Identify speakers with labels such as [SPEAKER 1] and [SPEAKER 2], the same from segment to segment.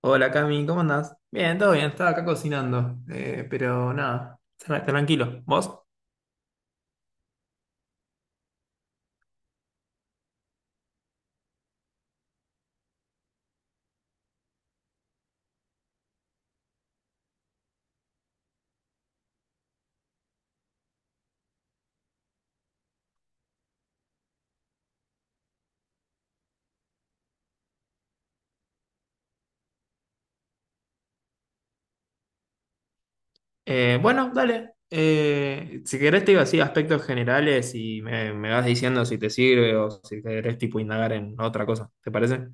[SPEAKER 1] Hola Cami, ¿cómo andás? Bien, todo bien, estaba acá cocinando, pero nada, tranquilo. ¿Vos? Bueno, dale. Si querés te digo así aspectos generales y me vas diciendo si te sirve o si querés tipo indagar en otra cosa, ¿te parece?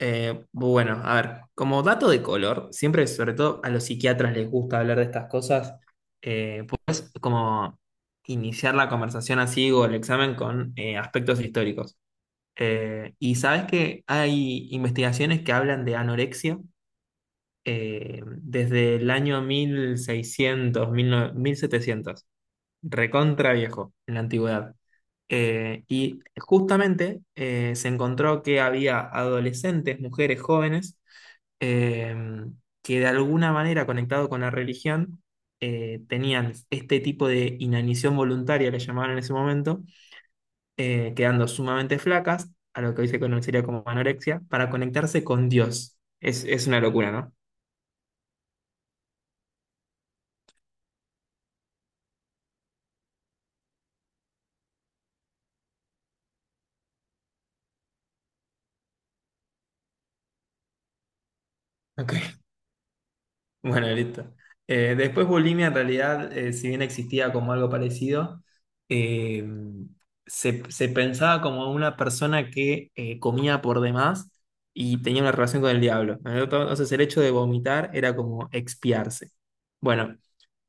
[SPEAKER 1] Bueno, a ver, como dato de color, siempre, sobre todo a los psiquiatras les gusta hablar de estas cosas, puedes como iniciar la conversación así o el examen con aspectos históricos. Y sabes que hay investigaciones que hablan de anorexia desde el año 1600, 1700, recontra viejo, en la antigüedad. Y justamente se encontró que había adolescentes, mujeres jóvenes, eh, que de alguna manera, conectado con la religión, tenían este tipo de inanición voluntaria, le llamaban en ese momento, quedando sumamente flacas, a lo que hoy se conocería como anorexia, para conectarse con Dios. Es una locura, ¿no? Ok, bueno, listo. Después bulimia, en realidad, si bien existía como algo parecido, eh, se pensaba como una persona que comía por demás y tenía una relación con el diablo, ¿no? Entonces el hecho de vomitar era como expiarse. Bueno,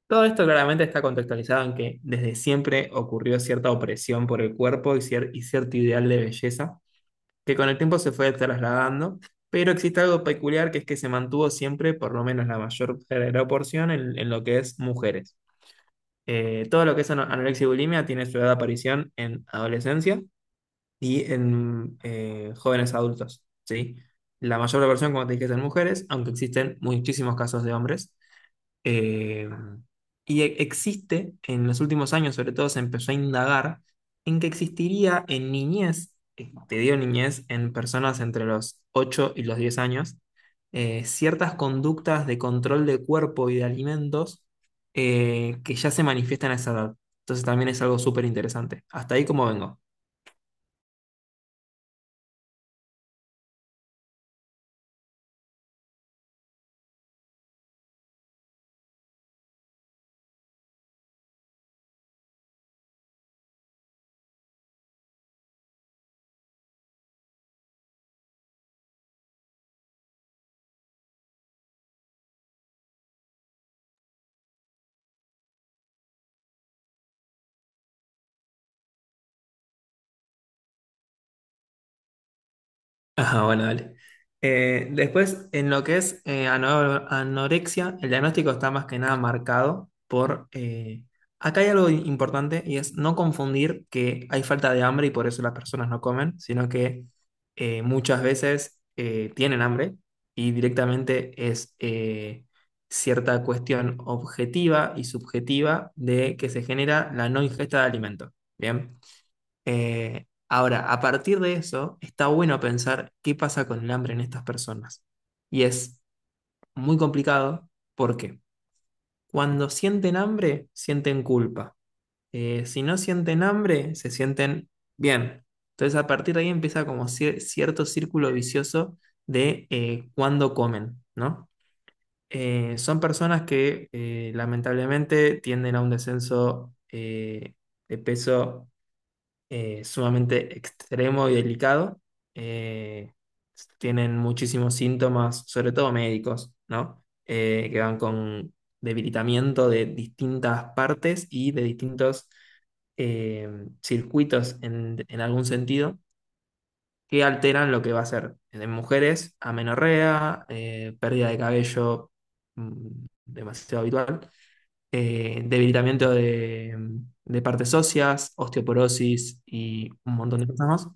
[SPEAKER 1] todo esto claramente está contextualizado en que desde siempre ocurrió cierta opresión por el cuerpo y, y cierto ideal de belleza, que con el tiempo se fue trasladando, pero existe algo peculiar, que es que se mantuvo siempre, por lo menos la mayor proporción, en lo que es mujeres. Todo lo que es anorexia y bulimia tiene su edad de aparición en adolescencia y en jóvenes adultos, ¿sí? La mayor proporción, como te dije, es en mujeres, aunque existen muchísimos casos de hombres. Eh, Existe, en los últimos años sobre todo se empezó a indagar en que existiría en niñez, te digo niñez, en personas entre los 8 y los 10 años, ciertas conductas de control de cuerpo y de alimentos que ya se manifiestan a esa edad. Entonces también es algo súper interesante. Hasta ahí como vengo. Ajá, bueno, dale. Después, en lo que es anorexia, el diagnóstico está más que nada marcado por... acá hay algo importante, y es no confundir que hay falta de hambre y por eso las personas no comen, sino que muchas veces tienen hambre y directamente es cierta cuestión objetiva y subjetiva de que se genera la no ingesta de alimento. Bien. Ahora, a partir de eso, está bueno pensar qué pasa con el hambre en estas personas. Y es muy complicado porque cuando sienten hambre, sienten culpa. Si no sienten hambre, se sienten bien. Entonces, a partir de ahí empieza como cierto círculo vicioso de cuándo comen, ¿no? Son personas que lamentablemente tienden a un descenso de peso sumamente extremo y delicado. eh, Tienen muchísimos síntomas, sobre todo médicos, ¿no? Que van con debilitamiento de distintas partes y de distintos eh, circuitos, en algún sentido, que alteran lo que va a ser en mujeres: amenorrea, pérdida de cabello mm, demasiado habitual, debilitamiento de partes óseas, osteoporosis y un montón de cosas más.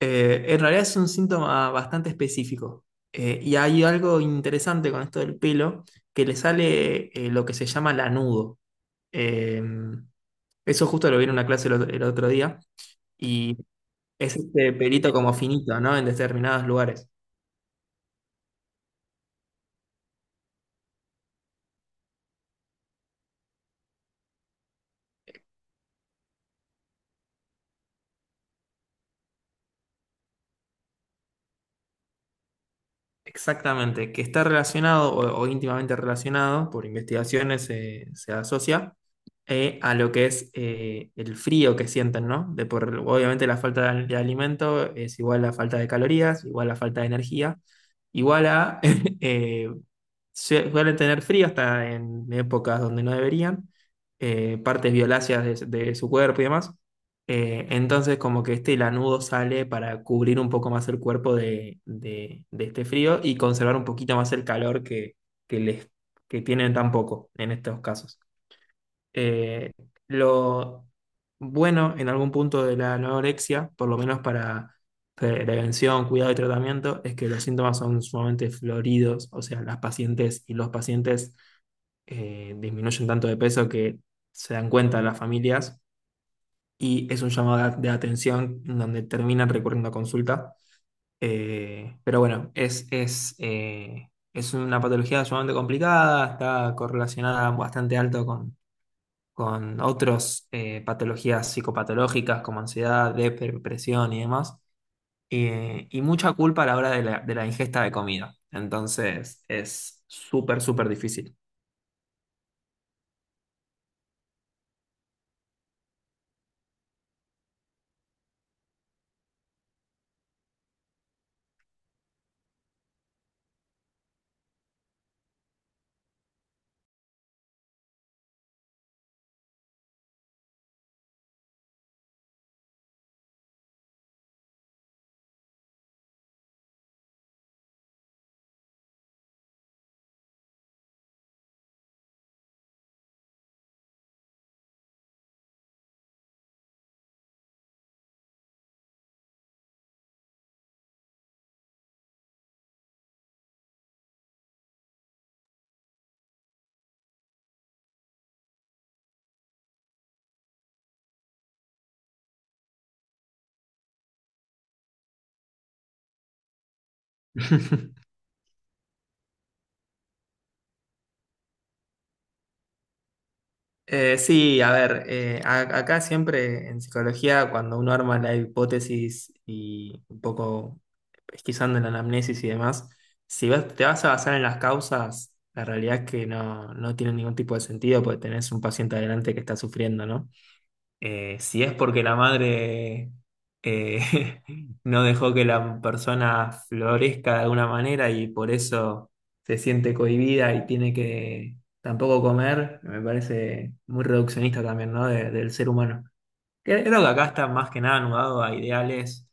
[SPEAKER 1] En realidad es un síntoma bastante específico. Y hay algo interesante con esto del pelo, que le sale lo que se llama lanudo. Eh, Eso justo lo vi en una clase el otro día, y es este pelito como finito, ¿no? En determinados lugares. Exactamente, que está relacionado o íntimamente relacionado; por investigaciones se asocia a lo que es el frío que sienten, ¿no? De por, obviamente la falta de, de alimento es igual a la falta de calorías, igual a la falta de energía, igual a eh, suelen tener frío hasta en épocas donde no deberían, partes violáceas de, su cuerpo y demás. Entonces como que este lanudo sale para cubrir un poco más el cuerpo de, de este frío y conservar un poquito más el calor que, les, que tienen tan poco en estos casos. eh, lo bueno en algún punto de la anorexia, por lo menos para prevención, cuidado y tratamiento, es que los síntomas son sumamente floridos, o sea, las pacientes y los pacientes disminuyen tanto de peso que se dan cuenta las familias y es un llamado de de atención, en donde terminan recurriendo a consulta. Pero bueno, es, es una patología sumamente complicada, está correlacionada bastante alto con otras patologías psicopatológicas como ansiedad, depresión y demás, y mucha culpa a la hora de la ingesta de comida. Entonces es súper, súper difícil. Sí, a ver, acá siempre en psicología, cuando uno arma la hipótesis y un poco pesquisando en la anamnesis y demás, si te vas a basar en las causas, la realidad es que no, no tiene ningún tipo de sentido, porque tenés un paciente adelante que está sufriendo, ¿no? Si es porque la madre eh, no dejó que la persona florezca de alguna manera y por eso se siente cohibida y tiene que tampoco comer, me parece muy reduccionista también, ¿no?, del ser humano. Creo que acá está más que nada anudado a ideales,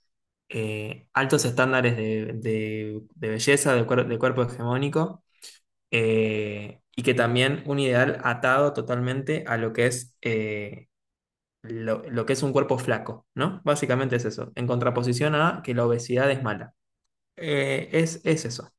[SPEAKER 1] altos estándares de, de belleza, de, de cuerpo hegemónico. Y que también un ideal atado totalmente a lo que es lo que es un cuerpo flaco, ¿no? Básicamente es eso, en contraposición a que la obesidad es mala. Es eso.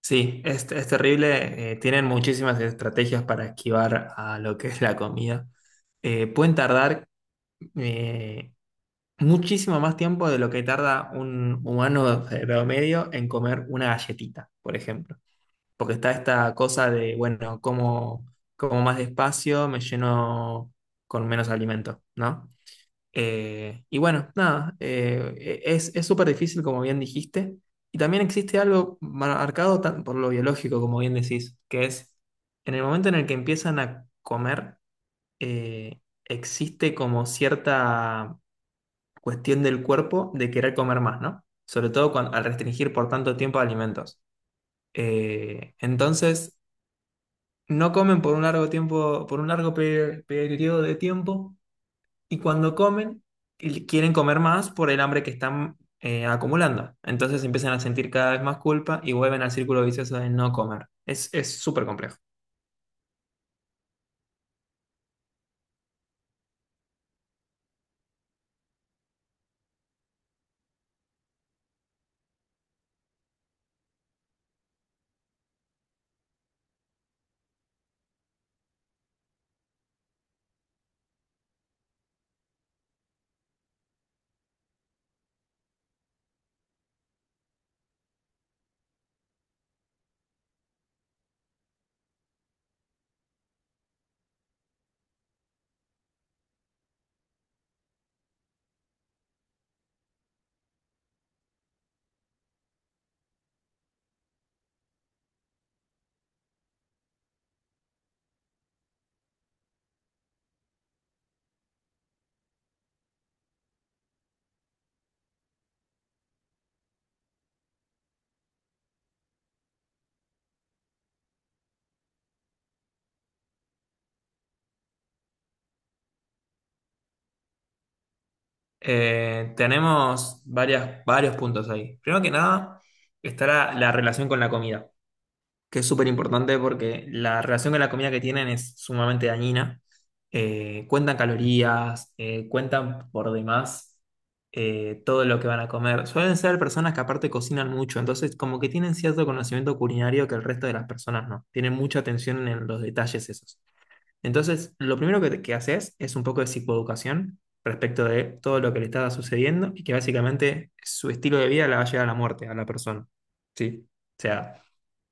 [SPEAKER 1] Sí, es terrible. Tienen muchísimas estrategias para esquivar a lo que es la comida. Pueden tardar eh, muchísimo más tiempo de lo que tarda un humano de promedio en comer una galletita, por ejemplo. Porque está esta cosa de, bueno, como más despacio, me lleno con menos alimento, ¿no? Y bueno, nada, es súper difícil, como bien dijiste. Y también existe algo marcado por lo biológico, como bien decís, que es en el momento en el que empiezan a comer, existe como cierta cuestión del cuerpo de querer comer más, ¿no? Sobre todo al restringir por tanto tiempo alimentos. Entonces, no comen por un largo tiempo, por un largo periodo de tiempo, y cuando comen, y quieren comer más por el hambre que están acumulando. Entonces empiezan a sentir cada vez más culpa y vuelven al círculo vicioso de no comer. Es súper complejo. Tenemos varias, varios puntos ahí. Primero que nada, está la relación con la comida, que es súper importante porque la relación con la comida que tienen es sumamente dañina. Cuentan calorías, cuentan por demás todo lo que van a comer. Suelen ser personas que aparte cocinan mucho, entonces como que tienen cierto conocimiento culinario que el resto de las personas no. Tienen mucha atención en los detalles esos. Entonces, lo primero que haces es un poco de psicoeducación respecto de todo lo que le está sucediendo y que básicamente su estilo de vida la va a llevar a la muerte, a la persona. ¿Sí? O sea,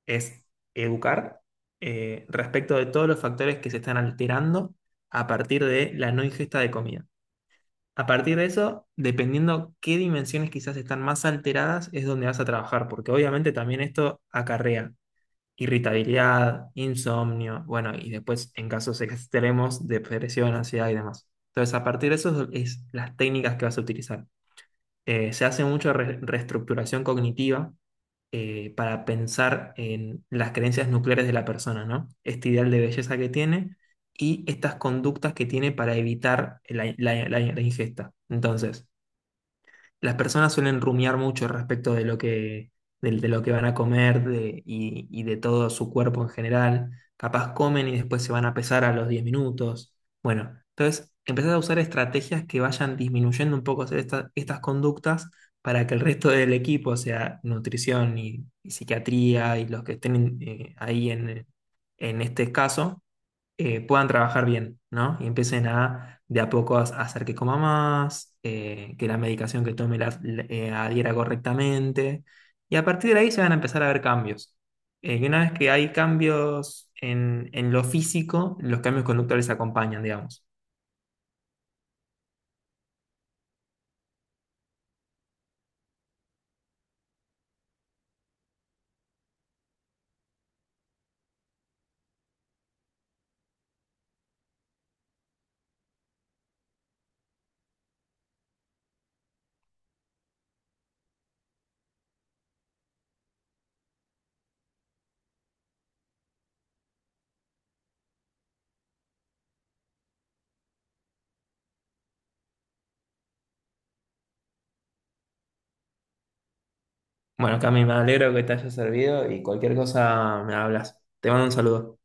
[SPEAKER 1] es educar respecto de todos los factores que se están alterando a partir de la no ingesta de comida. A partir de eso, dependiendo qué dimensiones quizás están más alteradas, es donde vas a trabajar, porque obviamente también esto acarrea irritabilidad, insomnio, bueno, y después en casos extremos, depresión, ansiedad y demás. Entonces, a partir de eso es, las técnicas que vas a utilizar. Se hace mucho reestructuración cognitiva, para pensar en las creencias nucleares de la persona, ¿no? Este ideal de belleza que tiene y estas conductas que tiene para evitar la, la ingesta. Entonces, las personas suelen rumiar mucho respecto de lo que, lo que van a comer y de todo su cuerpo en general. Capaz comen y después se van a pesar a los 10 minutos. Bueno, entonces empezar a usar estrategias que vayan disminuyendo un poco estas conductas, para que el resto del equipo, o sea, nutrición y psiquiatría y los que estén ahí, en este caso, puedan trabajar bien, ¿no? Y empiecen a, de a poco, a hacer que coma más, que la medicación que tome adhiera correctamente. Y a partir de ahí se van a empezar a ver cambios. Y una vez que hay cambios en lo físico, los cambios conductuales acompañan, digamos. Bueno, Cami, me alegro que te haya servido, y cualquier cosa me hablas. Te mando un saludo.